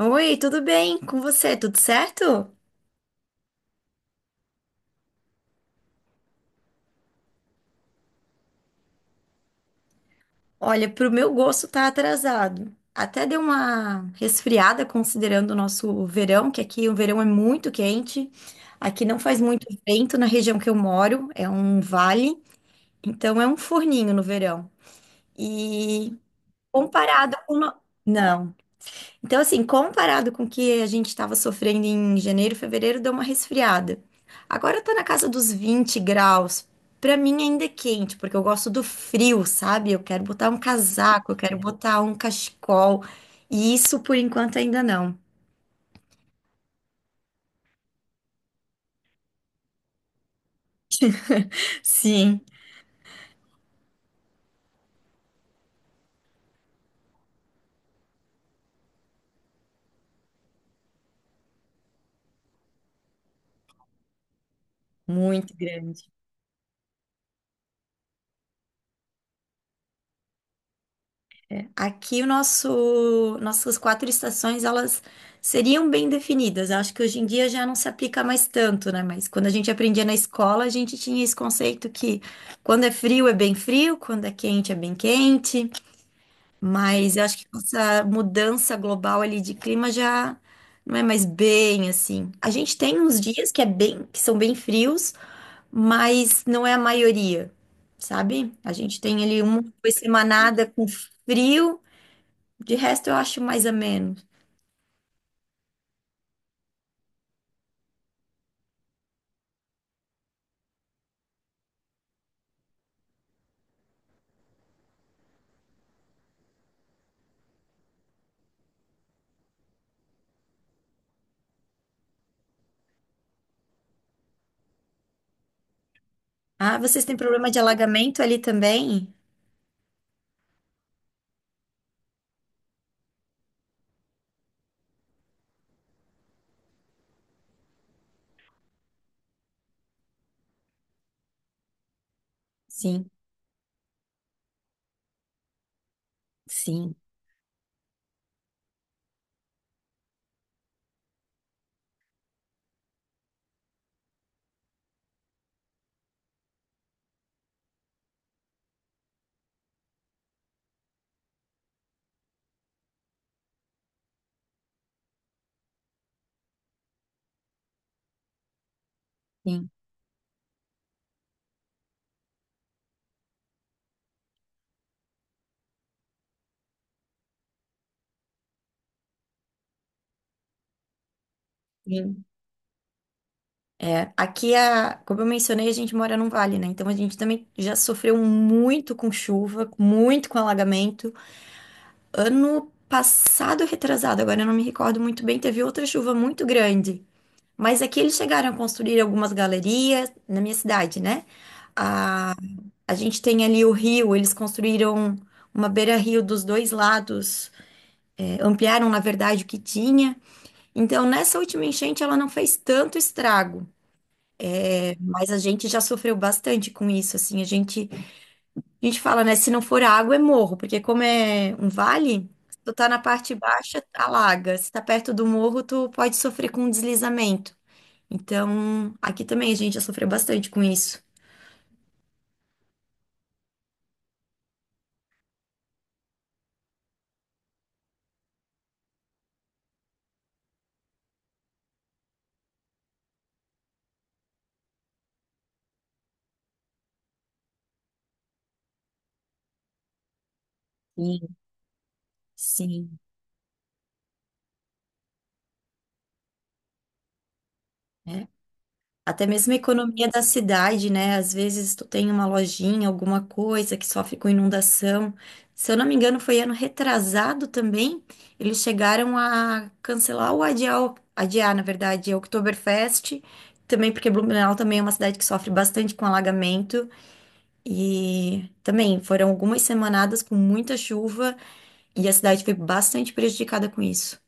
Oi, tudo bem com você? Tudo certo? Olha, pro meu gosto tá atrasado. Até deu uma resfriada considerando o nosso verão, que aqui o verão é muito quente. Aqui não faz muito vento na região que eu moro, é um vale, então é um forninho no verão. E comparado com o no... Não. Então, assim, comparado com o que a gente estava sofrendo em janeiro, fevereiro, deu uma resfriada. Agora tá na casa dos 20 graus. Pra mim ainda é quente, porque eu gosto do frio, sabe? Eu quero botar um casaco, eu quero botar um cachecol. E isso por enquanto ainda não. Sim, muito grande. Aqui o nosso, nossas quatro estações, elas seriam bem definidas. Eu acho que hoje em dia já não se aplica mais tanto, né? Mas quando a gente aprendia na escola, a gente tinha esse conceito que quando é frio é bem frio, quando é quente é bem quente. Mas eu acho que com essa mudança global ali de clima já não é mais bem assim. A gente tem uns dias que é bem, que são bem frios, mas não é a maioria, sabe? A gente tem ali uma semanada com frio. De resto, eu acho mais ou menos. Ah, vocês têm problema de alagamento ali também? Sim, sim, sim, sim. É, aqui, a, como eu mencionei, a gente mora num vale, né? Então a gente também já sofreu muito com chuva, muito com alagamento. Ano passado, retrasado, agora eu não me recordo muito bem, teve outra chuva muito grande. Mas aqui eles chegaram a construir algumas galerias na minha cidade, né? A, a gente tem ali o rio, eles construíram uma beira-rio dos dois lados. É, ampliaram, na verdade, o que tinha. Então, nessa última enchente, ela não fez tanto estrago, é, mas a gente já sofreu bastante com isso, assim, a gente fala, né, se não for água, é morro, porque como é um vale, se tu tá na parte baixa, alaga, se tá perto do morro, tu pode sofrer com deslizamento. Então, aqui também a gente já sofreu bastante com isso. Sim, sim. Né? Até mesmo a economia da cidade, né? Às vezes tu tem uma lojinha, alguma coisa que sofre com inundação. Se eu não me engano, foi ano retrasado também. Eles chegaram a cancelar ou adiar, adiar, na verdade, a Oktoberfest. Também porque Blumenau também é uma cidade que sofre bastante com alagamento. E também foram algumas semanadas com muita chuva e a cidade foi bastante prejudicada com isso.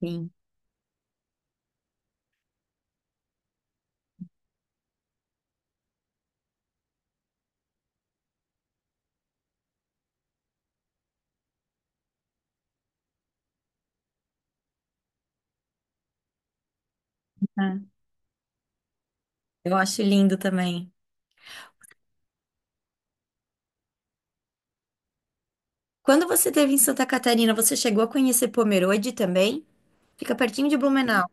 Sim. É. Eu acho lindo também. Quando você esteve em Santa Catarina, você chegou a conhecer Pomerode também? Fica pertinho de Blumenau.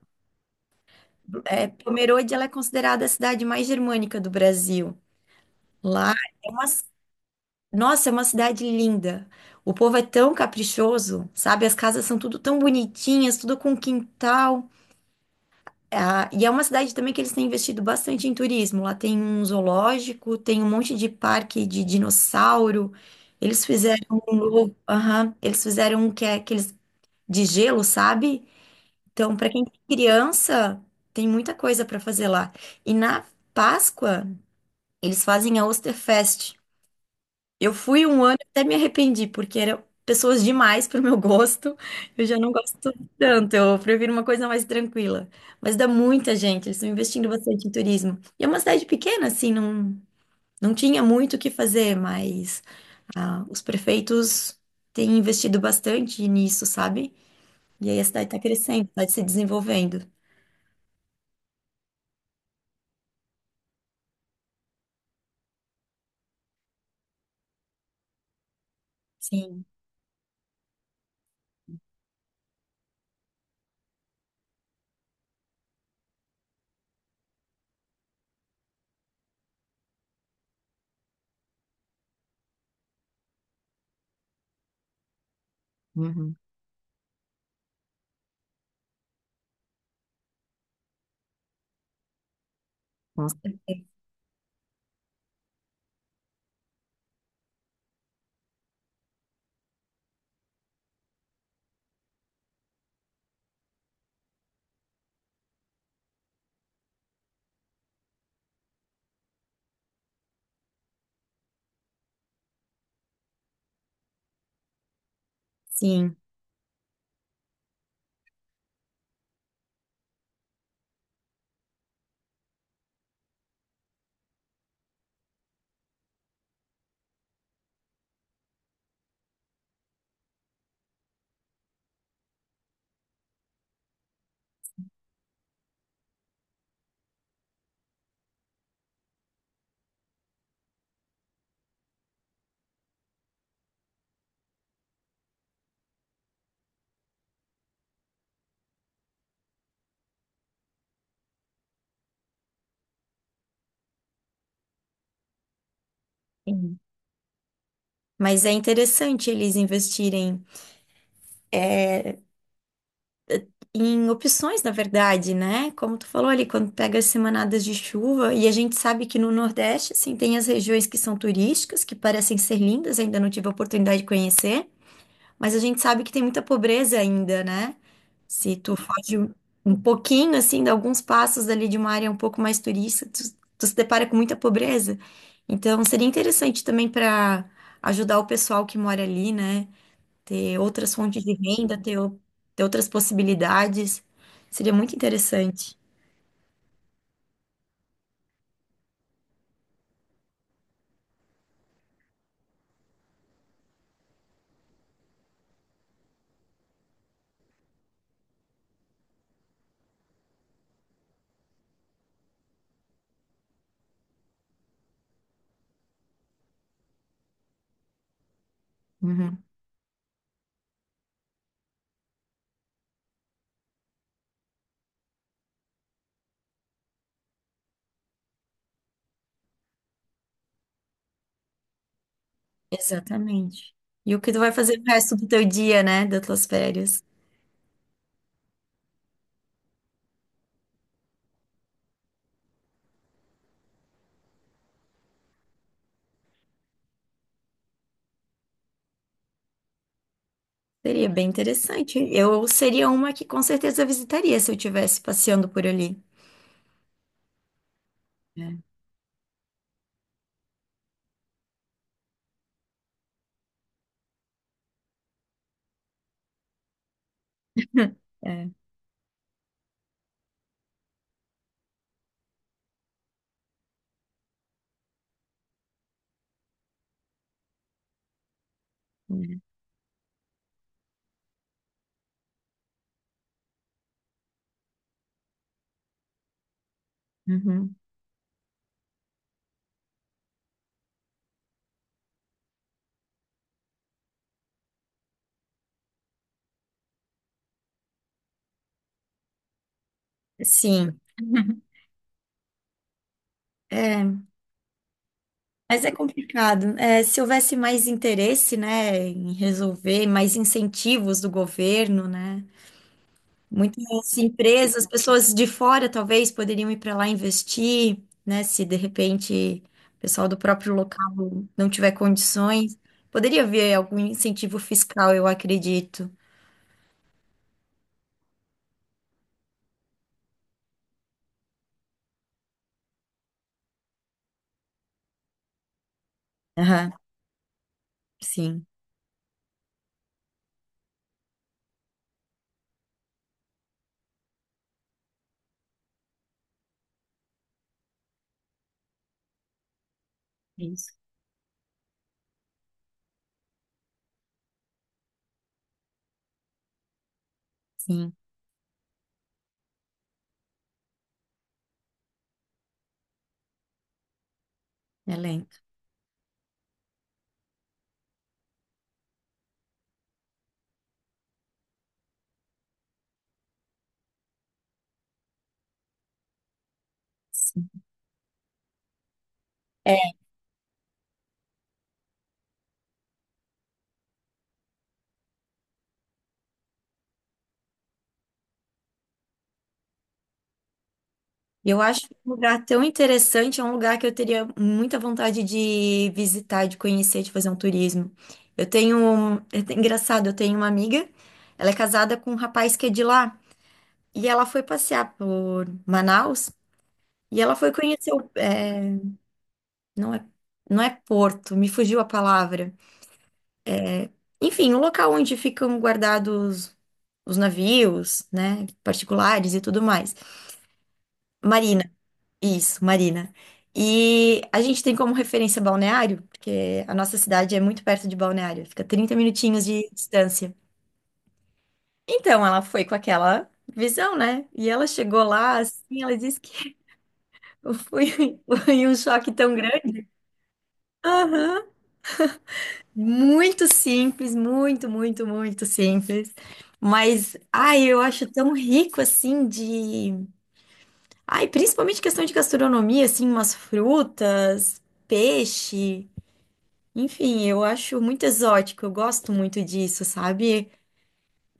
É, Pomerode, ela é considerada a cidade mais germânica do Brasil. Lá é uma, nossa, é uma cidade linda. O povo é tão caprichoso, sabe? As casas são tudo tão bonitinhas, tudo com quintal. Ah, e é uma cidade também que eles têm investido bastante em turismo. Lá tem um zoológico, tem um monte de parque de dinossauro. Eles fizeram um, aham, eles fizeram um que é aqueles de gelo, sabe? Então, para quem tem criança, tem muita coisa para fazer lá. E na Páscoa, eles fazem a Osterfest. Eu fui um ano e até me arrependi, porque eram pessoas demais para o meu gosto. Eu já não gosto tanto, eu prefiro uma coisa mais tranquila. Mas dá muita gente, eles estão investindo bastante em turismo. E é uma cidade pequena, assim, não, não tinha muito o que fazer, mas ah, os prefeitos têm investido bastante nisso, sabe? E aí a cidade está crescendo, está se desenvolvendo. Sim. Com certeza. Sim. Sim. Mas é interessante eles investirem em opções, na verdade, né? Como tu falou ali, quando pega as semanadas de chuva, e a gente sabe que no Nordeste, assim, tem as regiões que são turísticas, que parecem ser lindas, ainda não tive a oportunidade de conhecer. Mas a gente sabe que tem muita pobreza ainda, né? Se tu foge um pouquinho, assim, de alguns passos ali de uma área um pouco mais turista, tu se depara com muita pobreza. Então, seria interessante também para ajudar o pessoal que mora ali, né? Ter outras fontes de renda, ter outras possibilidades. Seria muito interessante. Uhum, exatamente. E o que tu vai fazer no resto do teu dia, né? Das tuas férias? Seria bem interessante. Eu seria uma que com certeza visitaria se eu estivesse passeando por ali. É, é, Uhum. Sim. É, mas é complicado. É, se houvesse mais interesse, né, em resolver, mais incentivos do governo, né? Muitas empresas, pessoas de fora talvez poderiam ir para lá investir, né? Se de repente o pessoal do próprio local não tiver condições, poderia haver algum incentivo fiscal, eu acredito. Aham, sim, isso, sim, elenco. Sim. É, eu acho um lugar tão interessante, é um lugar que eu teria muita vontade de visitar, de conhecer, de fazer um turismo. Eu tenho, é engraçado, eu tenho uma amiga, ela é casada com um rapaz que é de lá, e ela foi passear por Manaus, e ela foi conhecer o, é, não é, não é Porto, me fugiu a palavra. Enfim, o local onde ficam guardados os navios, né, particulares e tudo mais. Marina, isso, Marina. E a gente tem como referência Balneário, porque a nossa cidade é muito perto de Balneário, fica 30 minutinhos de distância. Então ela foi com aquela visão, né? E ela chegou lá, assim, ela disse que foi, foi um choque tão grande. Aham. Muito simples, muito, muito, muito simples. Mas, ai, eu acho tão rico assim de. Ai, principalmente questão de gastronomia, assim, umas frutas, peixe. Enfim, eu acho muito exótico, eu gosto muito disso, sabe?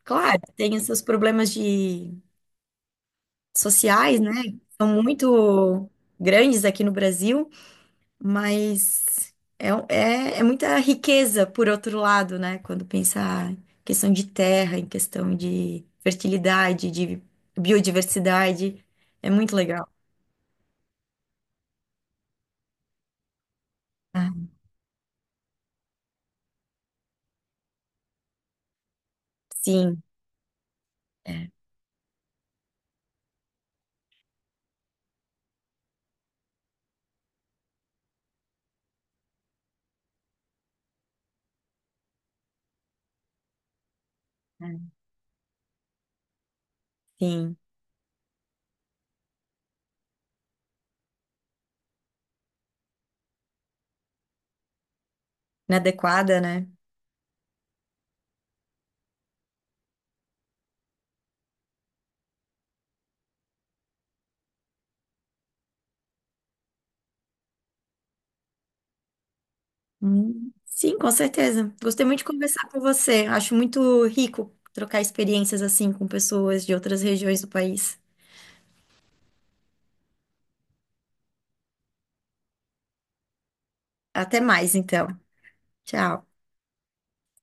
Claro, tem esses problemas de sociais, né? São muito grandes aqui no Brasil, mas é, um, é, é muita riqueza, por outro lado, né? Quando pensar em questão de terra, em questão de fertilidade, de biodiversidade, é muito legal. Ah, sim, é, é, sim. Inadequada, né? Sim, com certeza. Gostei muito de conversar com você. Acho muito rico trocar experiências assim com pessoas de outras regiões do país. Até mais, então. Tchau.